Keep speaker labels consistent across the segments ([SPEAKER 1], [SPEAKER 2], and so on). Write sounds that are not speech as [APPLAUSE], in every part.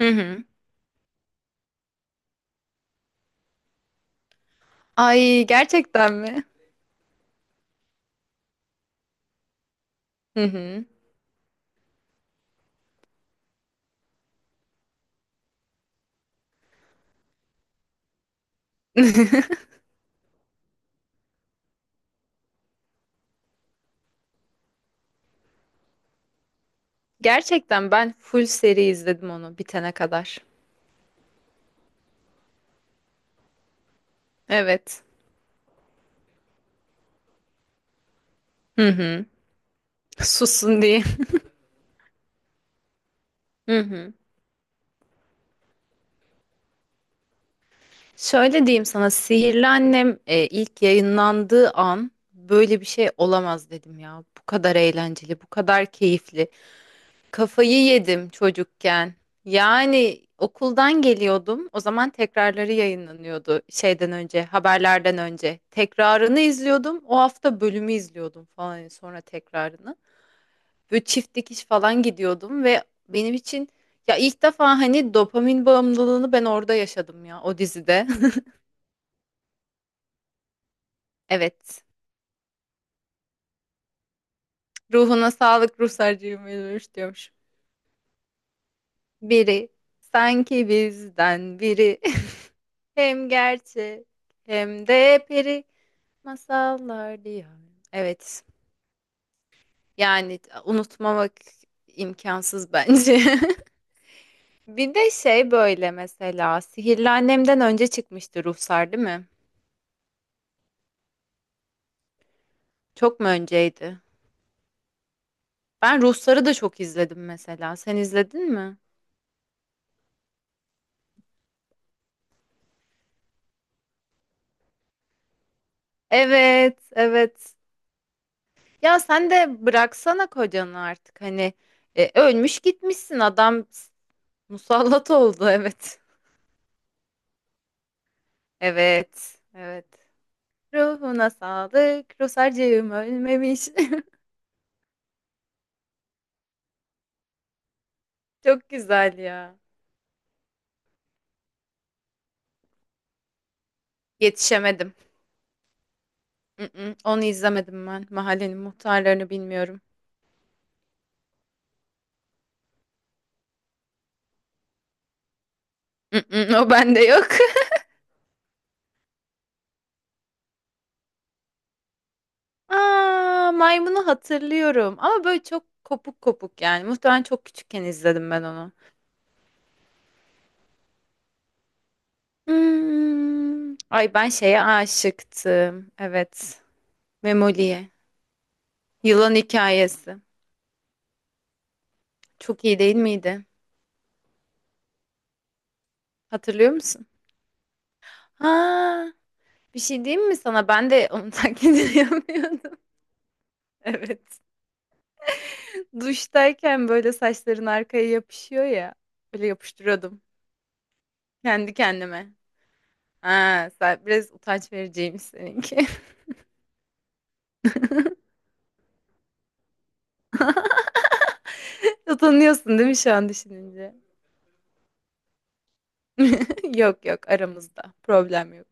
[SPEAKER 1] Hı hı. Ay gerçekten mi? Hı hı. [LAUGHS] Gerçekten ben full seri izledim onu bitene kadar. Evet. Hı hı. Sussun diye. Hı hı. Şöyle diyeyim sana Sihirli Annem ilk yayınlandığı an böyle bir şey olamaz dedim ya. Bu kadar eğlenceli, bu kadar keyifli. Kafayı yedim çocukken. Yani okuldan geliyordum. O zaman tekrarları yayınlanıyordu şeyden önce, haberlerden önce. Tekrarını izliyordum. O hafta bölümü izliyordum falan yani sonra tekrarını. Böyle çift dikiş falan gidiyordum ve benim için ya ilk defa hani dopamin bağımlılığını ben orada yaşadım ya o dizide. [LAUGHS] Evet. Ruhuna sağlık ruhsarcığım ölmüş diyormuş. Biri sanki bizden biri [LAUGHS] hem gerçek hem de peri. Masallar diyor. Evet. Yani unutmamak imkansız bence. [LAUGHS] Bir de şey böyle mesela Sihirli Annem'den önce çıkmıştı Ruhsar değil mi? Çok mu önceydi? Ben Ruhsar'ı da çok izledim mesela. Sen izledin mi? Evet, evet. Ya sen de bıraksana kocanı artık. Hani ölmüş gitmişsin adam musallat oldu [LAUGHS] evet. Evet, evet. Ruhuna sağlık. Ruhsarcığım ölmemiş. [LAUGHS] Çok güzel ya. Yetişemedim. Mm-mm, onu izlemedim ben. Mahallenin muhtarlarını bilmiyorum. Mm-mm, o bende yok. [LAUGHS] Aa, maymunu hatırlıyorum. Ama böyle çok kopuk kopuk yani. Muhtemelen çok küçükken izledim ben onu. Hmm. Ay ben şeye aşıktım. Evet. Memoli'ye. Yılan hikayesi. Çok iyi değil miydi? Hatırlıyor musun? Ha, bir şey diyeyim mi sana? Ben de onu [LAUGHS] taklidini yapıyordum. Evet. Duştayken böyle saçların arkaya yapışıyor ya. Böyle yapıştırıyordum kendi kendime. Ha, sen biraz utanç vereceğim seninki. [LAUGHS] Utanıyorsun değil mi şu an düşününce? [LAUGHS] Yok yok aramızda. Problem yok.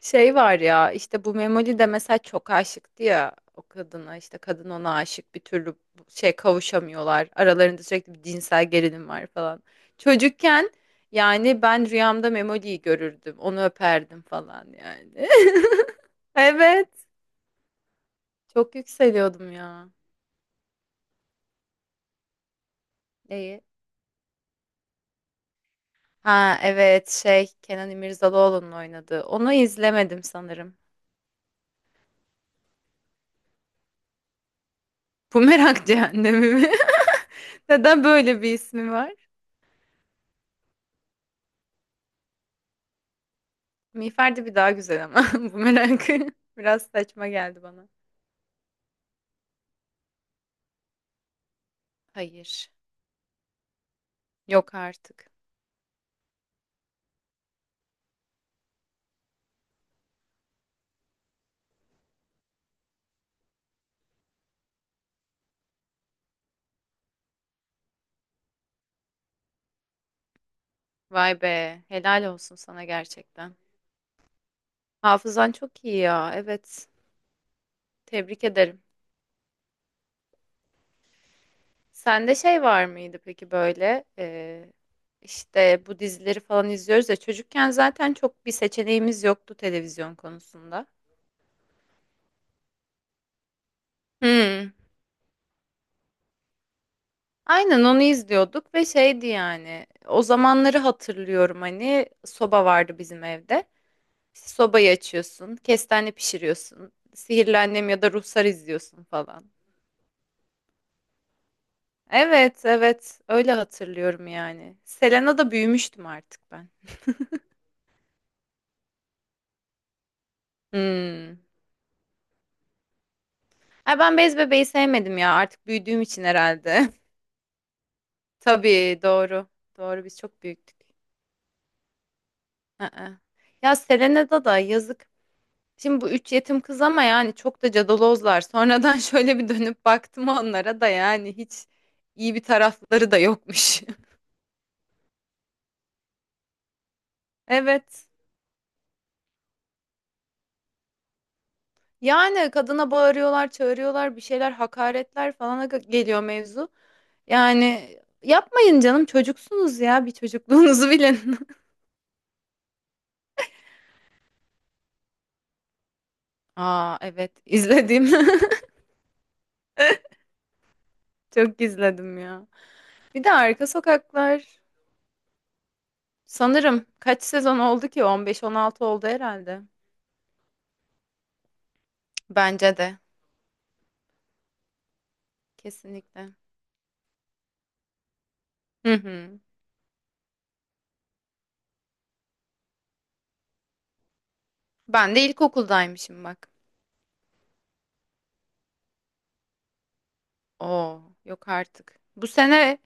[SPEAKER 1] Şey var ya işte bu Memoli de mesela çok aşıktı ya o kadına işte kadın ona aşık bir türlü şey kavuşamıyorlar. Aralarında sürekli bir cinsel gerilim var falan. Çocukken yani ben rüyamda Memoli'yi görürdüm. Onu öperdim falan yani. [LAUGHS] Evet. Çok yükseliyordum ya. Neyi? Ha evet şey Kenan İmirzalıoğlu'nun oynadığı. Onu izlemedim sanırım. Bumerang Cehennemi mi? [LAUGHS] Neden böyle bir ismi var? Miğfer bir daha güzel ama [LAUGHS] bu merak [LAUGHS] biraz saçma geldi bana. Hayır. Yok artık. Vay be. Helal olsun sana gerçekten. Hafızan çok iyi ya. Evet. Tebrik ederim. Sende şey var mıydı peki böyle işte bu dizileri falan izliyoruz ya çocukken zaten çok bir seçeneğimiz yoktu televizyon konusunda. Hmm. Aynen onu izliyorduk ve şeydi yani o zamanları hatırlıyorum hani soba vardı bizim evde. Sobayı açıyorsun, kestane pişiriyorsun, sihirli annem ya da ruhsar izliyorsun falan. Evet, evet, öyle hatırlıyorum yani. Selena'da büyümüştüm artık ben. Hmm. Ay ben Bez Bebeği sevmedim ya artık büyüdüğüm için herhalde. [LAUGHS] Tabii doğru. Doğru biz çok büyüktük. Aa. Ya Selena'da da yazık. Şimdi bu üç yetim kız ama yani çok da cadalozlar. Sonradan [LAUGHS] şöyle bir dönüp baktım onlara da yani hiç iyi bir tarafları da yokmuş. [LAUGHS] Evet. Yani kadına bağırıyorlar, çağırıyorlar, bir şeyler hakaretler falana geliyor mevzu. Yani yapmayın canım çocuksunuz ya bir çocukluğunuzu bilin. [LAUGHS] Aa evet izledim. [LAUGHS] Çok izledim ya. Bir de Arka Sokaklar sanırım kaç sezon oldu ki? 15-16 oldu herhalde. Bence de kesinlikle. Hı hı. Ben de ilkokuldaymışım bak. Oo yok artık. Bu sene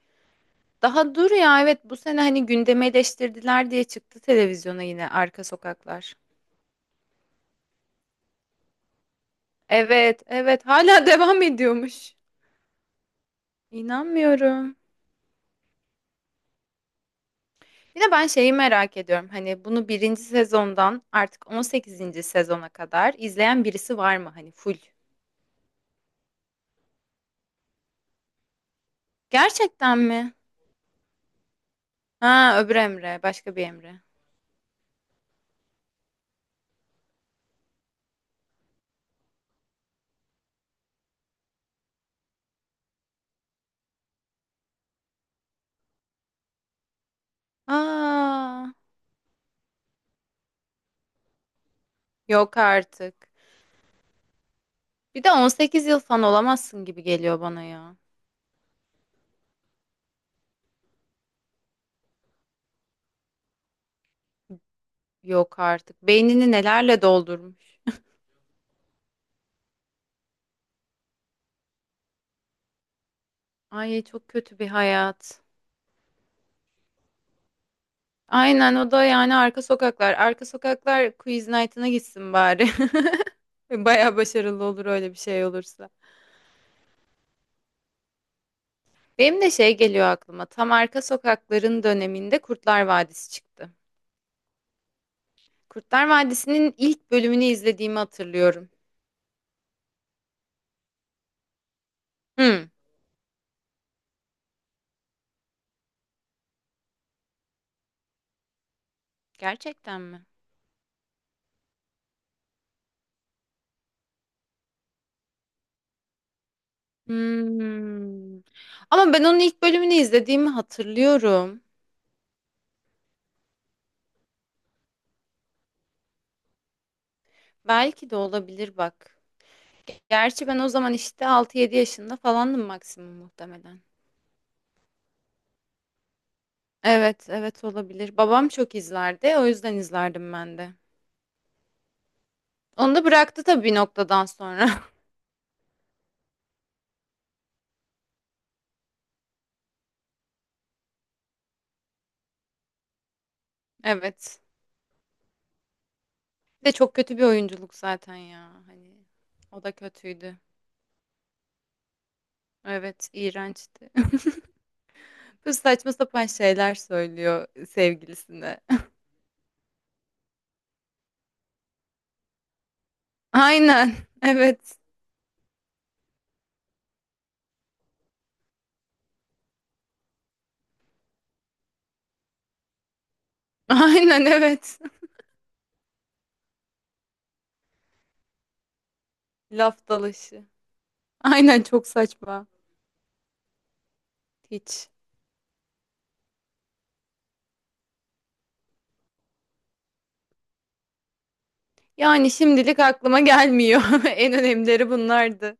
[SPEAKER 1] daha dur ya, evet bu sene hani gündeme eleştirdiler diye çıktı televizyona yine Arka Sokaklar. Evet evet hala [LAUGHS] devam ediyormuş. İnanmıyorum. Bir de ben şeyi merak ediyorum hani bunu birinci sezondan artık 18'inci sezona kadar izleyen birisi var mı hani full? Gerçekten mi? Ha öbür Emre başka bir Emre. Aa, yok artık. Bir de 18 yıl fan olamazsın gibi geliyor bana ya. Yok artık. Beynini nelerle doldurmuş. Ay çok kötü bir hayat. Aynen o da yani arka sokaklar. Arka sokaklar quiz night'ına gitsin bari. [LAUGHS] Baya başarılı olur öyle bir şey olursa. Benim de şey geliyor aklıma. Tam arka sokakların döneminde Kurtlar Vadisi çıktı. Kurtlar Vadisi'nin ilk bölümünü izlediğimi hatırlıyorum. Hmm, gerçekten mi? Hmm. Ama ben onun ilk bölümünü izlediğimi hatırlıyorum. Belki de olabilir bak. Gerçi ben o zaman işte 6-7 yaşında falandım maksimum muhtemelen. Evet, evet olabilir. Babam çok izlerdi. O yüzden izlerdim ben de. Onu da bıraktı tabii bir noktadan sonra. [LAUGHS] Evet. Bir de çok kötü bir oyunculuk zaten ya. Hani o da kötüydü. Evet, iğrençti. [LAUGHS] Kız saçma sapan şeyler söylüyor sevgilisine. [LAUGHS] Aynen. Evet. Aynen evet. [LAUGHS] Laf dalaşı. Aynen çok saçma. Hiç. Yani şimdilik aklıma gelmiyor. [LAUGHS] En önemlileri bunlardı.